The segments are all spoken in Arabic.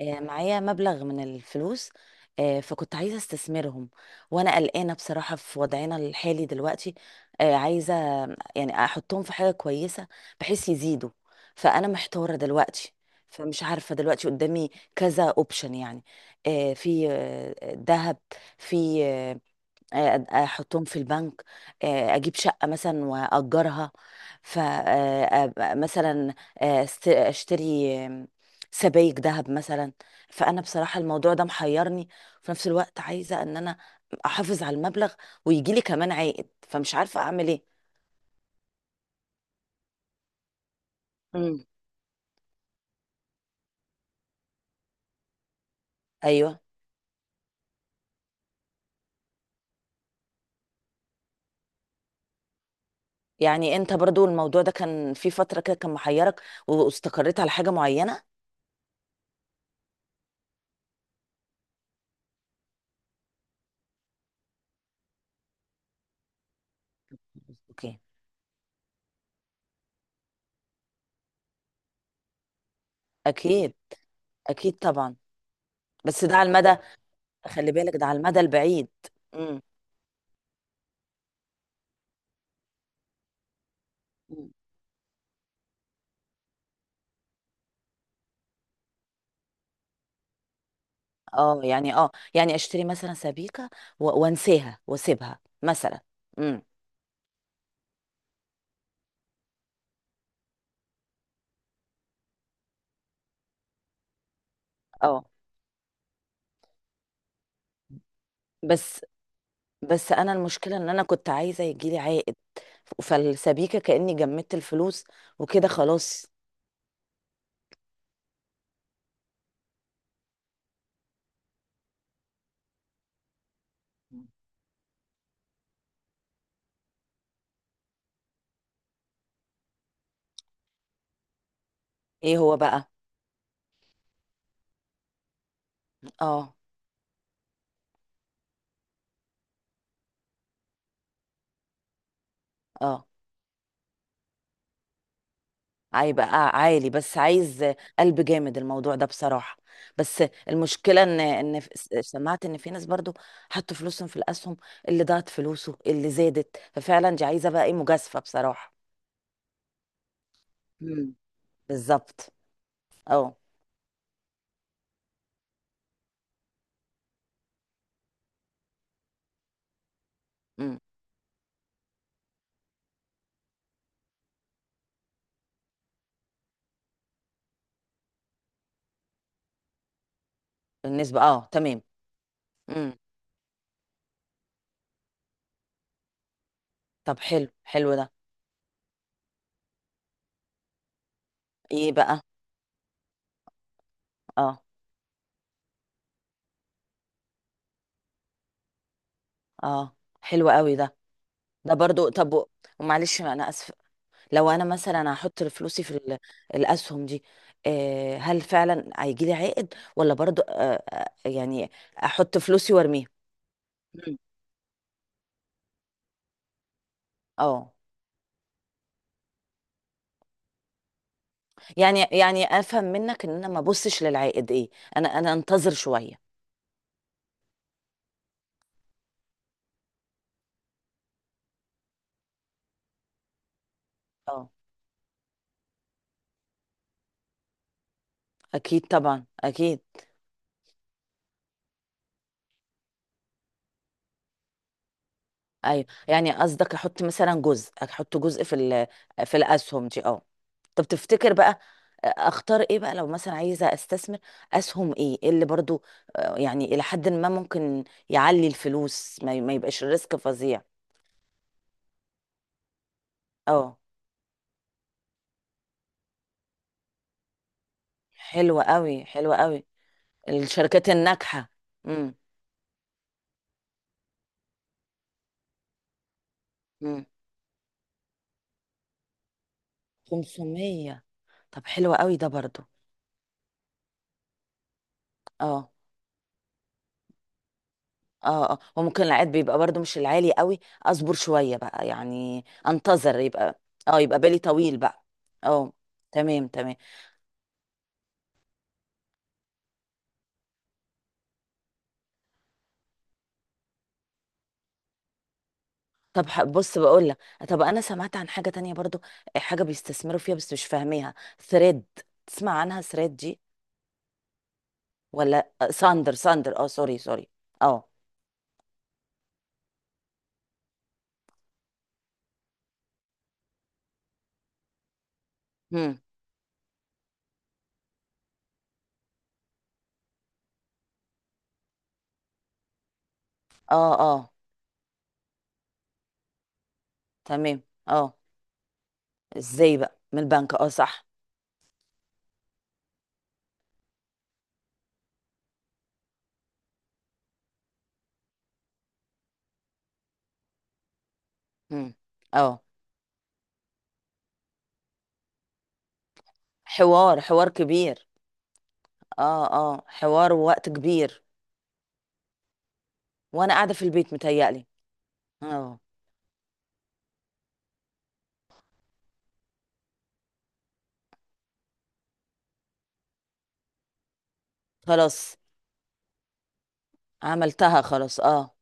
معايا مبلغ من الفلوس. فكنت عايزة استثمرهم، وأنا قلقانة بصراحة في وضعنا الحالي دلوقتي. عايزة يعني أحطهم في حاجة كويسة بحيث يزيدوا. فأنا محتارة دلوقتي، فمش عارفة دلوقتي قدامي كذا اوبشن يعني. في ذهب، في آه، احطهم في البنك، اجيب شقة مثلا واجرها. فمثلا اشتري سبائك ذهب مثلا. فانا بصراحة الموضوع ده محيرني. في نفس الوقت عايزة ان انا احافظ على المبلغ ويجي لي كمان عائد، فمش عارفة اعمل ايه. مم. ايوه، يعني انت برضو الموضوع ده كان في فترة كده كان محيرك واستقريت على حاجة معينة؟ اوكي. اكيد. اكيد طبعا. بس ده على المدى، خلي بالك ده على المدى البعيد. مم. اه يعني اشتري مثلا سبيكة و- وانساها واسيبها مثلا. امم. اه، بس بس انا المشكلة ان انا كنت عايزة يجيلي عائد، فالسبيكة كأني جمدت الفلوس وكده خلاص. ايه هو بقى؟ اه، اه، هيبقى عالي، بس عايز قلب جامد الموضوع ده بصراحة. بس المشكلة ان سمعت ان في ناس برضو حطوا فلوسهم في الاسهم، اللي ضاعت فلوسه، اللي زادت، ففعلا دي عايزة بقى ايه، مجازفة بصراحة. بالظبط. اه. امم. بالنسبة اه، تمام. امم. طب حلو، حلو ده. ايه بقى؟ اه، اه، حلو قوي ده. ده برضو، طب ومعلش انا اسف. لو انا مثلا هحط فلوسي في الاسهم دي، هل فعلا هيجي لي عائد ولا برضو يعني احط فلوسي وارميها؟ مم. اه، يعني يعني افهم منك ان انا ما ابصش للعائد ايه، انا انتظر شوية. اه، اكيد طبعا، اكيد. ايوه، يعني قصدك احط مثلا جزء، احط جزء في في الاسهم دي، اه؟ طب تفتكر بقى اختار ايه بقى لو مثلا عايزه استثمر اسهم إيه اللي برضو يعني الى حد ما ممكن يعلي الفلوس، ما يبقاش الريسك فظيع. اه، حلوة قوي، حلوة قوي الشركات الناجحة. امم. امم. 500. طب حلوة قوي ده برضو. اه، اه، اه، وممكن العائد بيبقى برضو مش العالي قوي، اصبر شوية بقى يعني، انتظر يبقى. اه، يبقى بالي طويل بقى. اه، تمام، تمام. طب، بص بقول لك، طب انا سمعت عن حاجة تانية برضو، حاجة بيستثمروا فيها بس مش فاهميها، ثريد. تسمع عنها ثريد دي؟ ولا ساندر، ساندر، اه، سوري، سوري. اه. هم. اه. اه. تمام. اه. ازاي بقى من البنك؟ اه، صح. هم. اه. حوار، حوار كبير. اه، اه، حوار ووقت كبير. وانا قاعده في البيت متهيألي. اه، خلاص. عملتها خلاص. اه،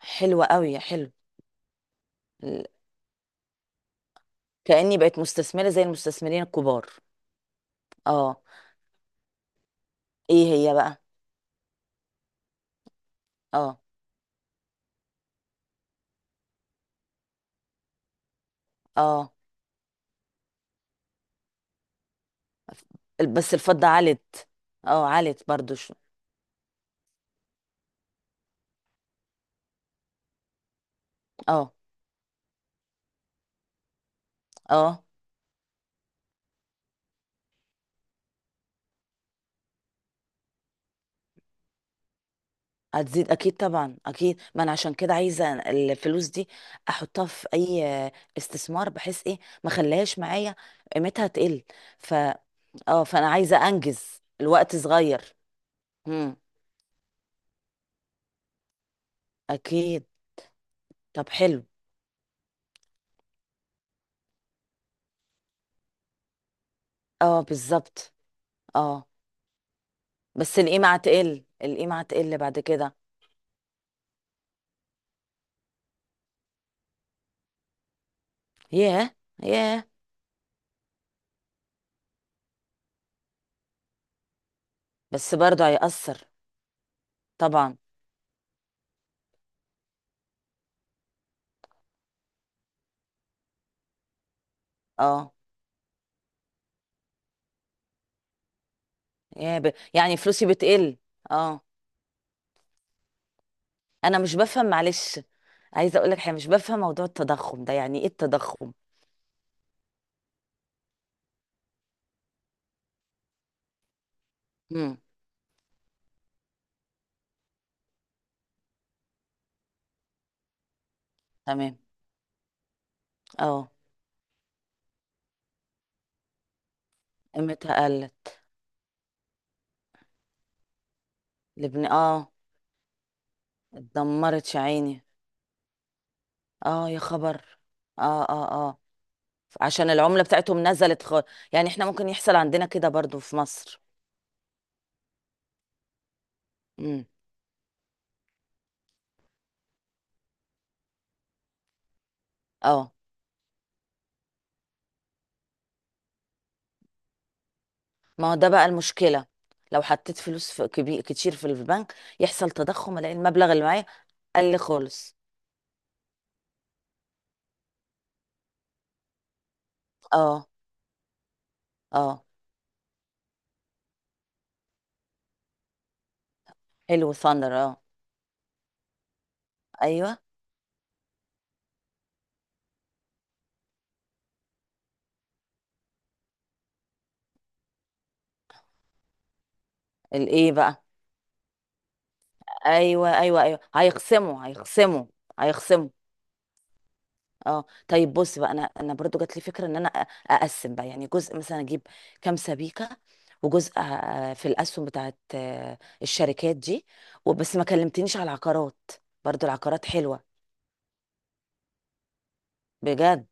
حلوه قوي، حلو. ال- كأني بقت مستثمره زي المستثمرين الكبار. اه. ايه هي بقى؟ اه. اه. بس الفضه علت. اه، علت برضو، شو؟ اه، اه، هتزيد اكيد طبعا، اكيد، ما انا عشان كده عايزه الفلوس دي احطها في اي استثمار بحيث ايه، ما خليهاش معايا قيمتها تقل. ف اه فانا عايزه انجز الوقت صغير. اكيد. طب حلو. اه، بالظبط. اه، بس القيمة هتقل بعد كده. ياه. ياه. بس برضه هيأثر. طبعا. اه. ياه، يعني فلوسي بتقل. اه، انا مش بفهم، معلش، عايزة اقول لك حاجة، مش بفهم موضوع التضخم ده، يعني ايه التضخم؟ امم. تمام. اه، قيمتها قلت. اه، اتدمرت يا عيني. اه، يا خبر. اه، اه، اه، عشان العملة بتاعتهم نزلت يعني احنا ممكن يحصل عندنا كده برضو في مصر؟ امم. اه، ما هو ده بقى المشكله، لو حطيت فلوس في كبير كتير في البنك يحصل تضخم الاقي المبلغ اللي معايا قل خالص. اه. اه، حلو ثاندر، اه. ايوه. الايه بقى؟ ايوه، ايوه، ايوه، هيخصموا، هيخصموا، هيخصموا. اه، طيب بص بقى، انا برضو جات لي فكره ان انا اقسم بقى يعني جزء مثلا، اجيب كام سبيكه، وجزء في الاسهم بتاعت الشركات دي. وبس ما كلمتنيش على العقارات، برضو العقارات حلوه. بجد.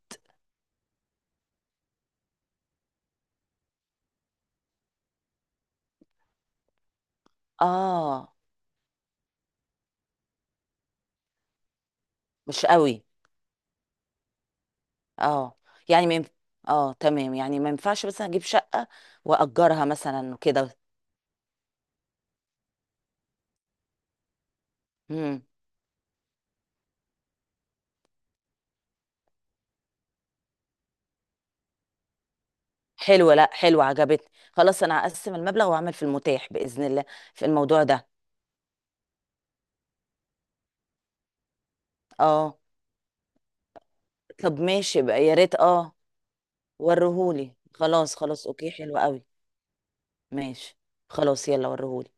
اه، مش قوي. اه، يعني من، اه، تمام، يعني ما ينفعش مثلا اجيب شقة واجرها مثلا وكده. امم. حلوة، لا حلوة، عجبتني. خلاص انا هقسم المبلغ واعمل في المتاح بإذن الله. في الموضوع ده. اه. طب ماشي بقى، يا ريت، اه، وريهولي. خلاص، خلاص، اوكي، حلو قوي. ماشي. خلاص يلا، وريهولي.